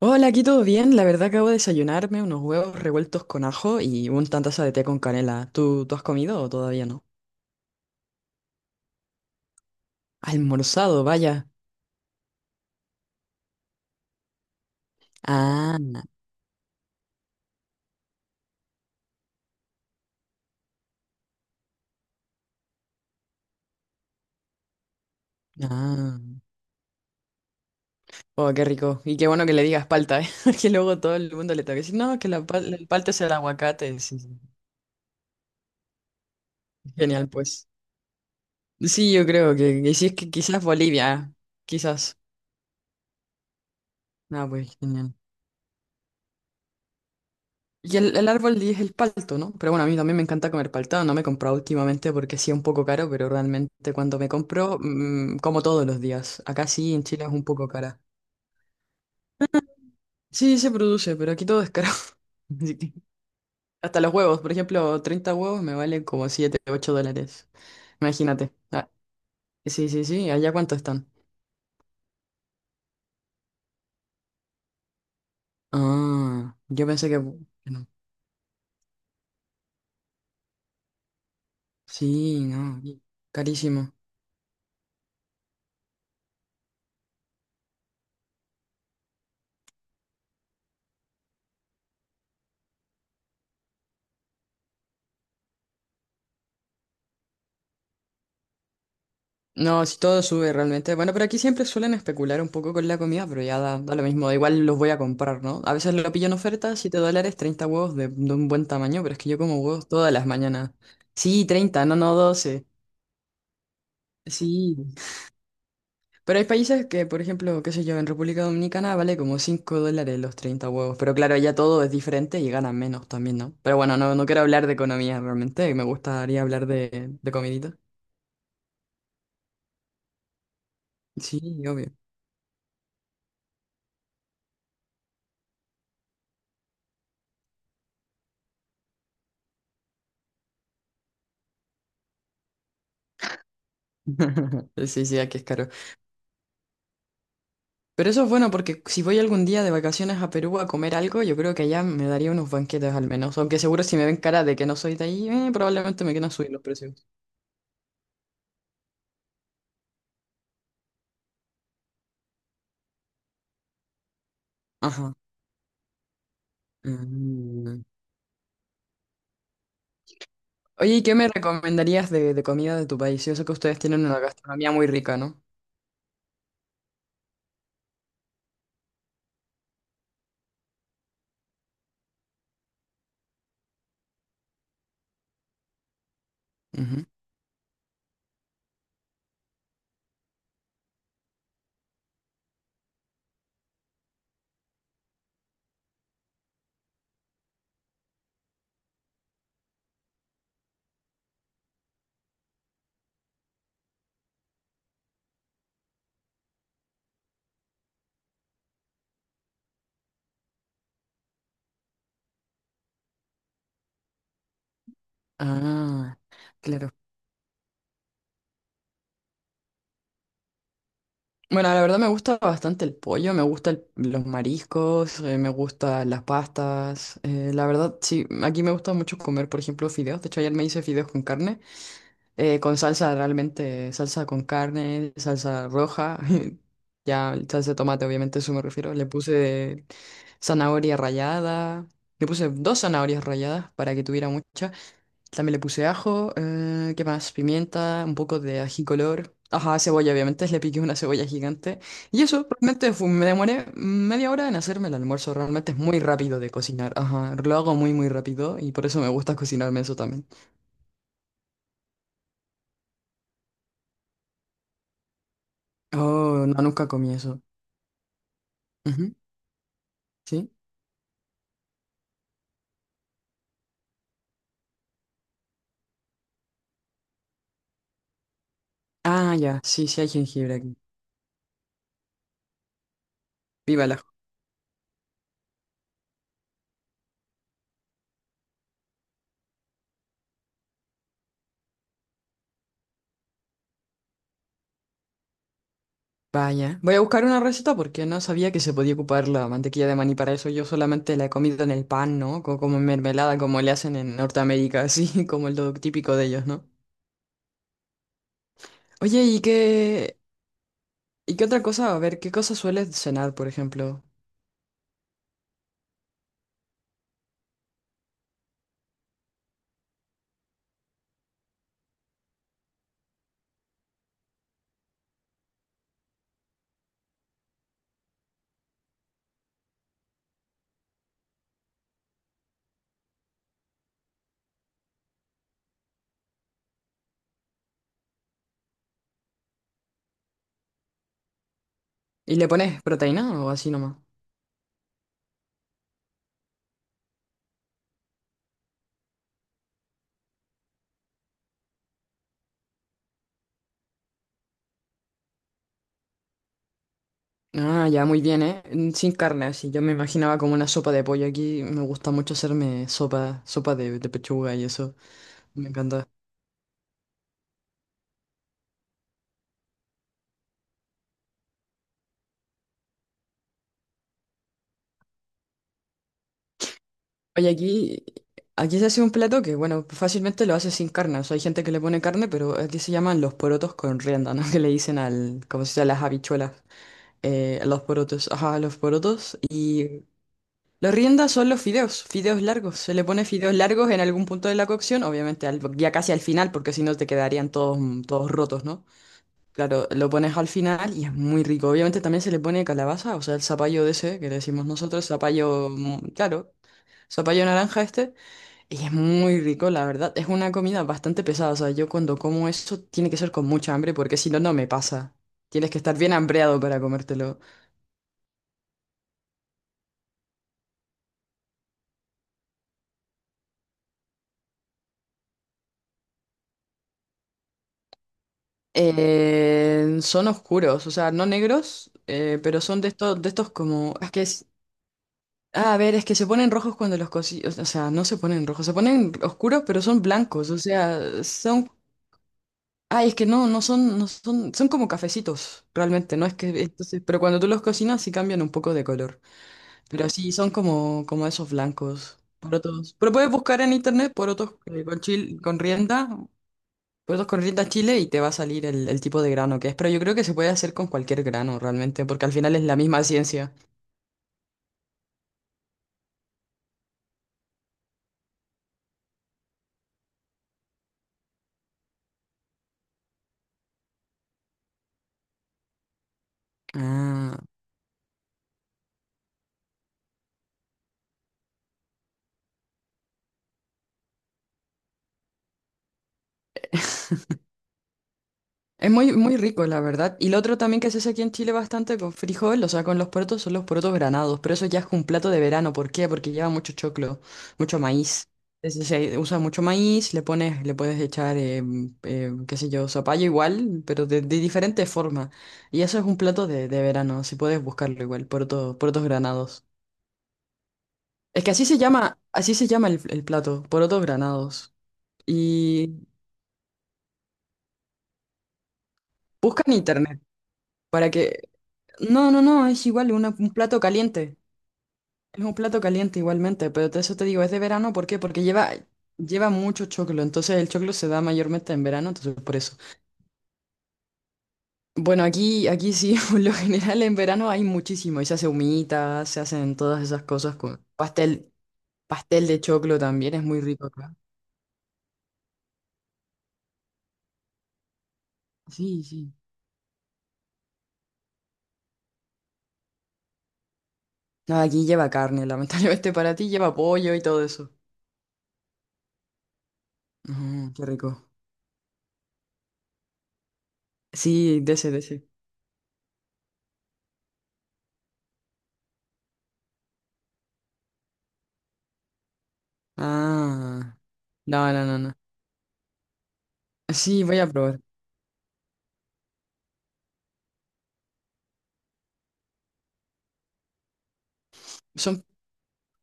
Hola, aquí todo bien. La verdad acabo de desayunarme unos huevos revueltos con ajo y una taza de té con canela. ¿Tú has comido o todavía no? Almorzado, vaya. Ah, ah. Oh, qué rico. Y qué bueno que le digas palta, ¿eh? Porque luego todo el mundo le toca decir, no, que el palta es el aguacate. Sí, sí. Genial, pues. Sí, yo creo que sí, es que quizás Bolivia. Quizás. Ah, pues, genial. Y el árbol es el palto, ¿no? Pero bueno, a mí también me encanta comer palta. No me he comprado últimamente porque sí es un poco caro, pero realmente cuando me compro, como todos los días. Acá sí, en Chile es un poco cara. Sí, se produce, pero aquí todo es caro. Así que hasta los huevos, por ejemplo, 30 huevos me valen como 7, $8. Imagínate. Ah, sí, sí, sí. ¿Allá cuánto están? Ah, yo pensé que no. Sí, no. Y... carísimo. No, si todo sube realmente. Bueno, pero aquí siempre suelen especular un poco con la comida, pero ya da lo mismo. Da igual, los voy a comprar, ¿no? A veces lo pillo en oferta, $7, 30 huevos de un buen tamaño, pero es que yo como huevos todas las mañanas. Sí, 30 no, no 12. Sí. Pero hay países que, por ejemplo, qué sé yo, en República Dominicana vale como $5 los 30 huevos. Pero claro, ya todo es diferente y ganan menos también, ¿no? Pero bueno, no, no quiero hablar de economía realmente, me gustaría hablar de comidita. Sí, obvio. Sí, sí, aquí es caro. Pero eso es bueno porque si voy algún día de vacaciones a Perú a comer algo, yo creo que allá me daría unos banquetes al menos. Aunque seguro si me ven cara de que no soy de ahí, probablemente me quieran subir los precios. Ajá. Mm. Oye, ¿y qué me recomendarías de comida de tu país? Yo sé que ustedes tienen una gastronomía muy rica, no. Ujú. Ah, claro. Bueno, la verdad me gusta bastante el pollo, me gustan los mariscos, me gustan las pastas, la verdad, sí, aquí me gusta mucho comer, por ejemplo, fideos. De hecho, ayer me hice fideos con carne. Con salsa realmente, salsa con carne, salsa roja, ya salsa de tomate, obviamente a eso me refiero. Le puse zanahoria rallada, le puse dos zanahorias ralladas para que tuviera mucha. También le puse ajo, ¿qué más? Pimienta, un poco de ají color. Ajá, cebolla, obviamente, le piqué una cebolla gigante. Y eso, realmente fue... me demoré media hora en hacerme el almuerzo. Realmente es muy rápido de cocinar. Ajá, lo hago muy, muy rápido y por eso me gusta cocinarme eso también. Oh, no, nunca comí eso. ¿Sí? Ah, ya, sí, sí hay jengibre aquí. Viva la... Vaya. Voy a buscar una receta porque no sabía que se podía ocupar la mantequilla de maní para eso. Yo solamente la he comido en el pan, ¿no? Co- Como en mermelada, como le hacen en Norteamérica, así como el lo típico de ellos, ¿no? Oye, ¿y qué... ¿Y qué otra cosa? A ver, ¿qué cosa sueles cenar, por ejemplo? ¿Y le pones proteína o así nomás? Ah, ya, muy bien, ¿eh? Sin carne, así. Yo me imaginaba como una sopa de pollo. Aquí me gusta mucho hacerme sopa, sopa de pechuga y eso. Me encanta. Oye, aquí, se hace un plato que, bueno, fácilmente lo hace sin carne. O sea, hay gente que le pone carne, pero aquí se llaman los porotos con rienda, ¿no? Que le dicen al, como se dice, a las habichuelas. A los porotos, ajá, a los porotos. Y los riendas son los fideos, fideos largos. Se le pone fideos largos en algún punto de la cocción, obviamente ya casi al final, porque si no te quedarían todos, todos rotos, ¿no? Claro, lo pones al final y es muy rico. Obviamente también se le pone calabaza, o sea, el zapallo de ese, que le decimos nosotros, zapallo, claro, zapallo naranja este. Y es muy rico, la verdad. Es una comida bastante pesada. O sea, yo cuando como eso tiene que ser con mucha hambre porque si no, no me pasa. Tienes que estar bien hambreado para comértelo. Son oscuros, o sea, no negros, pero son de estos, como... Es que es... ah, a ver, es que se ponen rojos cuando los cocí... O sea, no se ponen rojos, se ponen oscuros, pero son blancos. O sea, son... Ay, es que no, no son, no son, son como cafecitos, realmente, no es que, entonces, pero cuando tú los cocinas sí cambian un poco de color. Pero sí, son como esos blancos, porotos. Pero puedes buscar en internet porotos con rienda, porotos con rienda chile y te va a salir el tipo de grano que es. Pero yo creo que se puede hacer con cualquier grano realmente, porque al final es la misma ciencia. Ah. Es muy, muy rico, la verdad. Y lo otro también que se hace aquí en Chile bastante con frijol, o sea, con los porotos, son los porotos granados. Pero eso ya es un plato de verano. ¿Por qué? Porque lleva mucho choclo, mucho maíz. Entonces, se usa mucho maíz, le pones, le puedes echar, qué sé yo, zapallo igual, pero de diferente forma. Y eso es un plato de verano, si puedes buscarlo igual, porotos granados. Es que así se llama el plato, porotos granados. Y busca en internet para que... No, no, no, es igual, un plato caliente. Es un plato caliente igualmente, pero eso te digo, es de verano, ¿por qué? Porque lleva, lleva mucho choclo, entonces el choclo se da mayormente en verano, entonces por eso. Bueno, aquí, aquí sí, por lo general en verano hay muchísimo, y se hace humita, se hacen todas esas cosas con pastel, pastel de choclo también, es muy rico acá. Sí, sí. No, aquí lleva carne, lamentablemente para ti lleva pollo y todo eso. Ujú, qué rico. Sí, de ese, de ese. Ah, no, no, no, no. Sí, voy a probar. Son,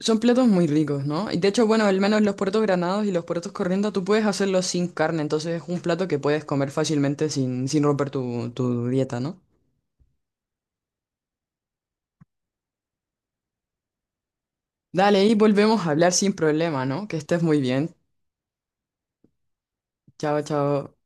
son platos muy ricos, ¿no? Y de hecho, bueno, al menos los puertos granados y los puertos corriendo, tú puedes hacerlos sin carne, entonces es un plato que puedes comer fácilmente sin, sin romper tu dieta, ¿no? Dale, y volvemos a hablar sin problema, ¿no? Que estés muy bien. Chao, chao.